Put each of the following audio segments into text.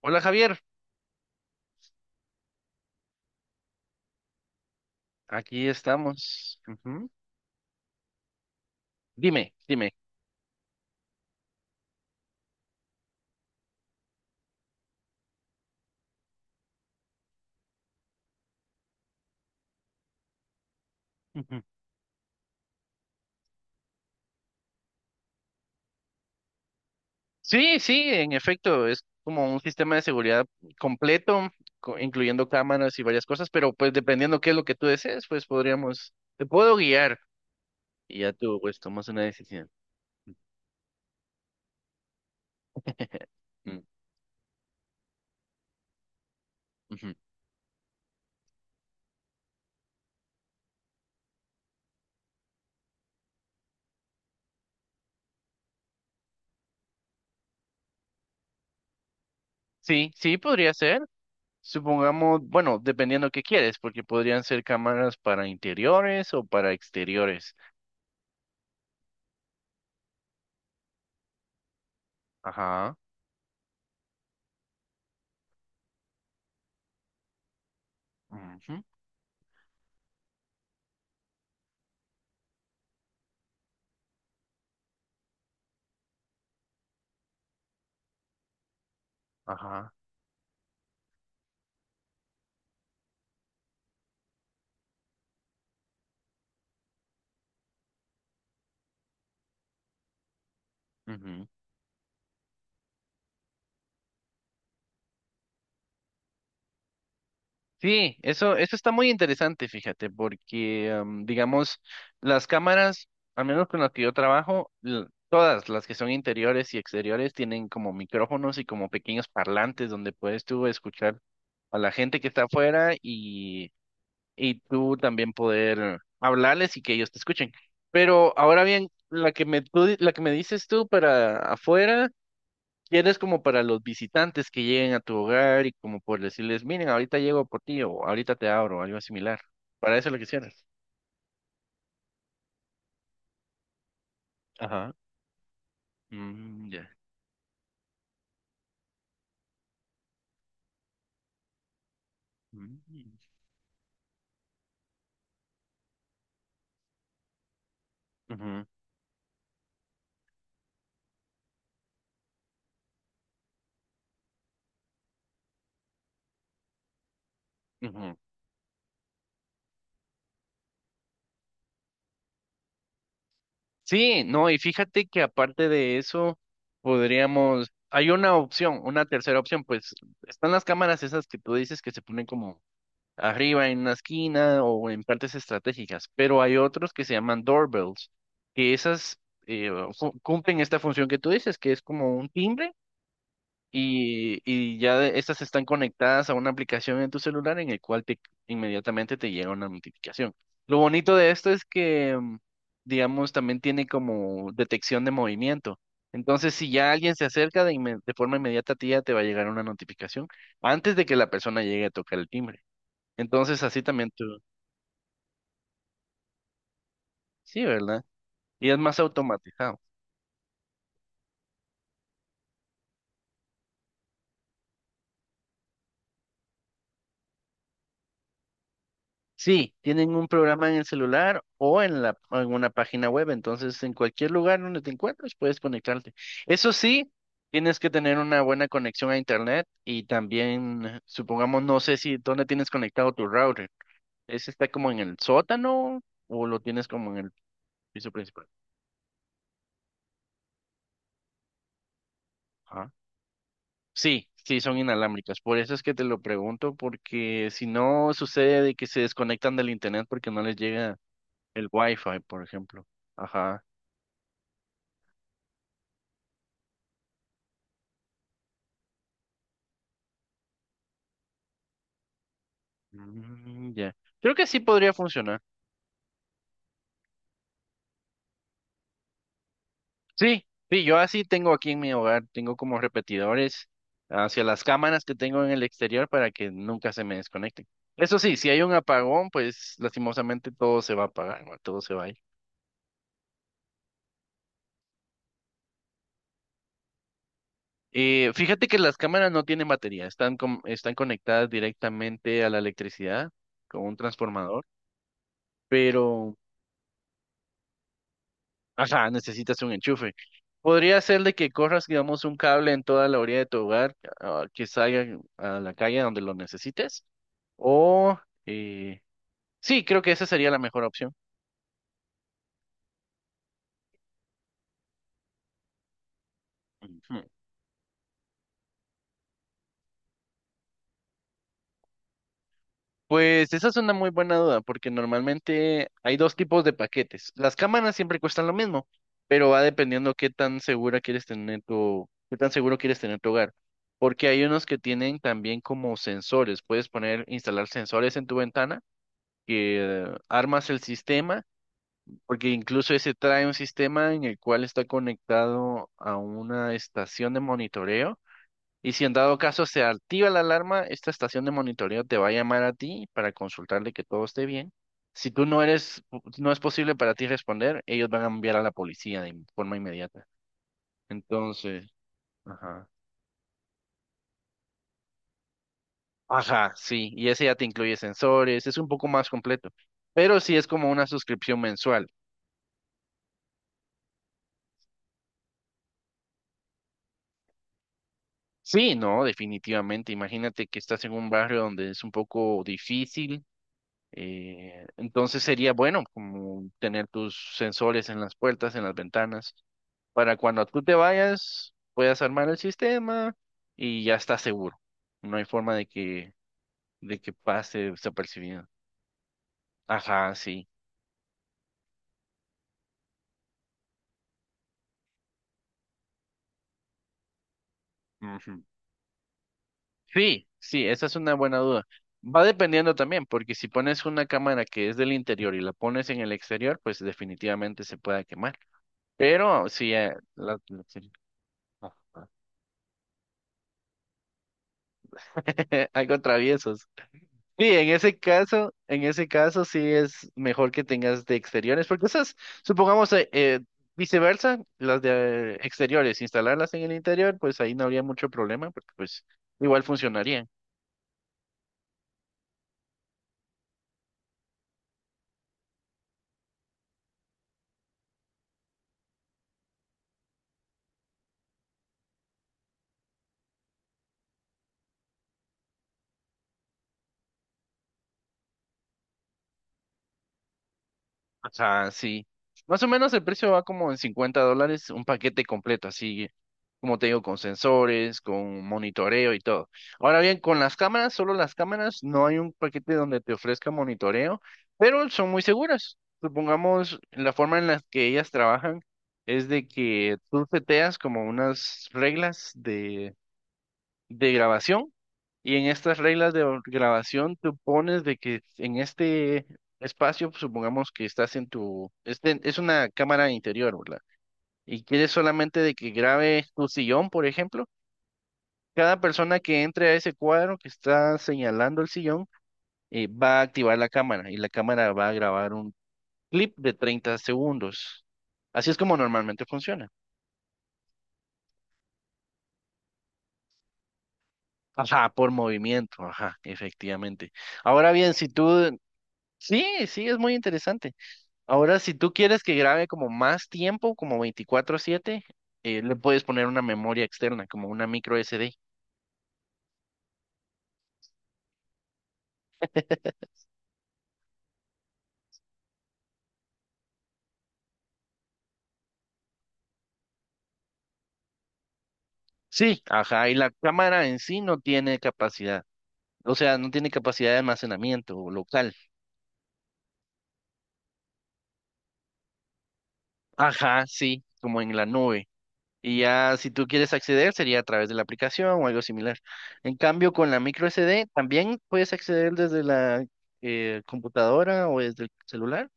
Hola Javier, aquí estamos. Ujú. Dime, dime. Ujú. Sí, sí, en efecto, es como un sistema de seguridad completo, incluyendo cámaras y varias cosas, pero pues dependiendo qué es lo que tú desees, pues podríamos, te puedo guiar y ya tú pues tomas una decisión. Mm, ujú. Sí, sí, podría ser. Supongamos, bueno, dependiendo qué quieres, porque podrían ser cámaras para interiores o para exteriores. Ajá. Ujú. Ajá. Ujú. Sí, eso está muy interesante, fíjate, porque, digamos, las cámaras, al menos con las que yo trabajo, todas las que son interiores y exteriores tienen como micrófonos y como pequeños parlantes donde puedes tú escuchar a la gente que está afuera y tú también poder hablarles y que ellos te escuchen. Pero ahora bien, la que me, la que me dices tú para afuera. Tienes como para los visitantes que lleguen a tu hogar y como por decirles, miren, ahorita llego por ti o ahorita te abro, o algo similar. Para eso es lo que quisieras. Ajá. Mm, ya. Mm, ujú, ujú. Sí, no, y fíjate que aparte de eso, podríamos, hay una opción, una tercera opción, pues están las cámaras esas que tú dices que se ponen como arriba en una esquina o en partes estratégicas, pero hay otros que se llaman doorbells, que esas eh, cumplen esta función que tú dices, que es como un timbre y ya estas están conectadas a una aplicación en tu celular en el cual te, inmediatamente te llega una notificación. Lo bonito de esto es que, digamos, también tiene como detección de movimiento. Entonces, si ya alguien se acerca de, de forma inmediata a ti, ya te va a llegar una notificación antes de que la persona llegue a tocar el timbre. Entonces así también tú, sí, ¿verdad? Y es más automatizado. Sí, tienen un programa en el celular o en la, en una página web, entonces en cualquier lugar donde te encuentres puedes conectarte. Eso sí, tienes que tener una buena conexión a internet y también, supongamos, no sé si dónde tienes conectado tu router. ¿Ese está como en el sótano o lo tienes como en el piso principal? Ajá. Sí, sí, son inalámbricas. Por eso es que te lo pregunto, porque si no sucede de que se desconectan del internet porque no les llega el Wi-Fi, por ejemplo. Ajá. Mm, ya. Creo que sí podría funcionar. Sí, sí, yo así tengo aquí en mi hogar, tengo como repetidores hacia las cámaras que tengo en el exterior para que nunca se me desconecten. Eso sí, si hay un apagón, pues lastimosamente todo se va a apagar, ¿no? Todo se va a ir. Fíjate que las cámaras no tienen batería, están, están conectadas directamente a la electricidad con un transformador, pero ajá, necesitas un enchufe. Podría ser de que corras, digamos, un cable en toda la orilla de tu hogar, ah, que salga a la calle donde lo necesites. O, eh, sí, creo que esa sería la mejor opción. Ujú. Pues esa es una muy buena duda, porque normalmente hay dos tipos de paquetes. Las cámaras siempre cuestan lo mismo, pero va dependiendo qué tan segura quieres tener tu, qué tan seguro quieres tener tu hogar. Porque hay unos que tienen también como sensores. Puedes poner, instalar sensores en tu ventana que armas el sistema, porque incluso ese trae un sistema en el cual está conectado a una estación de monitoreo. Y si en dado caso se activa la alarma, esta estación de monitoreo te va a llamar a ti para consultarle que todo esté bien. Si tú no eres, no es posible para ti responder, ellos van a enviar a la policía de forma inmediata. Entonces, ajá. Ajá, sí, y ese ya te incluye sensores, es un poco más completo, pero sí es como una suscripción mensual. Sí, no, definitivamente. Imagínate que estás en un barrio donde es un poco difícil. Entonces sería bueno como tener tus sensores en las puertas, en las ventanas, para cuando tú te vayas puedas armar el sistema y ya estás seguro. No hay forma de que pase desapercibido. Ajá, sí. Ujú. Sí, sí, esa es una buena duda. Va dependiendo también, porque si pones una cámara que es del interior y la pones en el exterior, pues definitivamente se puede quemar. Pero sí, sí. algo traviesos. Sí, en ese caso sí es mejor que tengas de exteriores, porque esas, supongamos, viceversa, las de exteriores, instalarlas en el interior, pues ahí no habría mucho problema, porque pues igual funcionaría. Ajá, sí. Más o menos el precio va como en $50, un paquete completo, así como te digo, con sensores, con monitoreo y todo. Ahora bien, con las cámaras, solo las cámaras, no hay un paquete donde te ofrezca monitoreo, pero son muy seguras. Supongamos, la forma en la que ellas trabajan es de que tú seteas como unas reglas de grabación y en estas reglas de grabación, tú pones de que en este espacio, supongamos que estás en tu, este, es una cámara interior, ¿verdad? Y quieres solamente de que grabe tu sillón, por ejemplo. Cada persona que entre a ese cuadro que está señalando el sillón, va a activar la cámara y la cámara va a grabar un clip de 30 segundos. Así es como normalmente funciona. Ajá, por movimiento, ajá, efectivamente. Ahora bien, si tú... Sí, sí, es muy interesante. Ahora, si tú quieres que grabe como más tiempo, como 24/7, le puedes poner una memoria externa, como una micro SD. Sí, ajá, y la cámara en sí no tiene capacidad, o sea, no tiene capacidad de almacenamiento local. Ajá, sí, como en la nube. Y ya si tú quieres acceder sería a través de la aplicación o algo similar. En cambio, con la micro SD también puedes acceder desde la computadora o desde el celular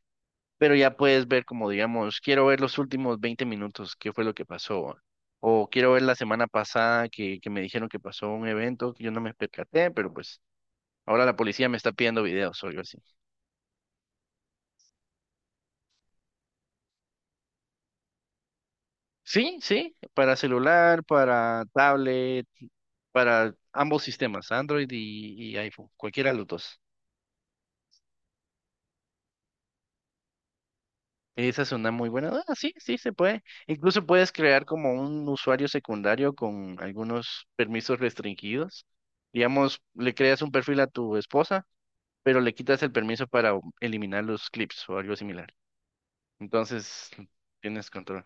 pero ya puedes ver como, digamos, quiero ver los últimos 20 minutos, qué fue lo que pasó. O quiero ver la semana pasada que me dijeron que pasó un evento que yo no me percaté, pero pues ahora la policía me está pidiendo videos o algo así. Sí, sí, para celular, para tablet, para ambos sistemas, Android y iPhone, cualquiera de los dos. Esa es una muy buena. Ah, sí, sí, se puede. Incluso puedes crear como un usuario secundario con algunos permisos restringidos. Digamos, le creas un perfil a tu esposa, pero le quitas el permiso para eliminar los clips o algo similar. Entonces, tienes control.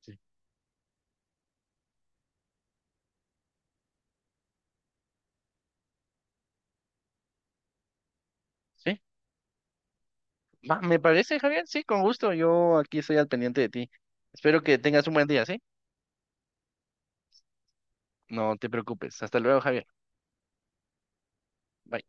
Sí. Sí. Va, me parece, Javier. Sí, con gusto. Yo aquí estoy al pendiente de ti. Espero que tengas un buen día, ¿sí? No te preocupes. Hasta luego, Javier. Bye.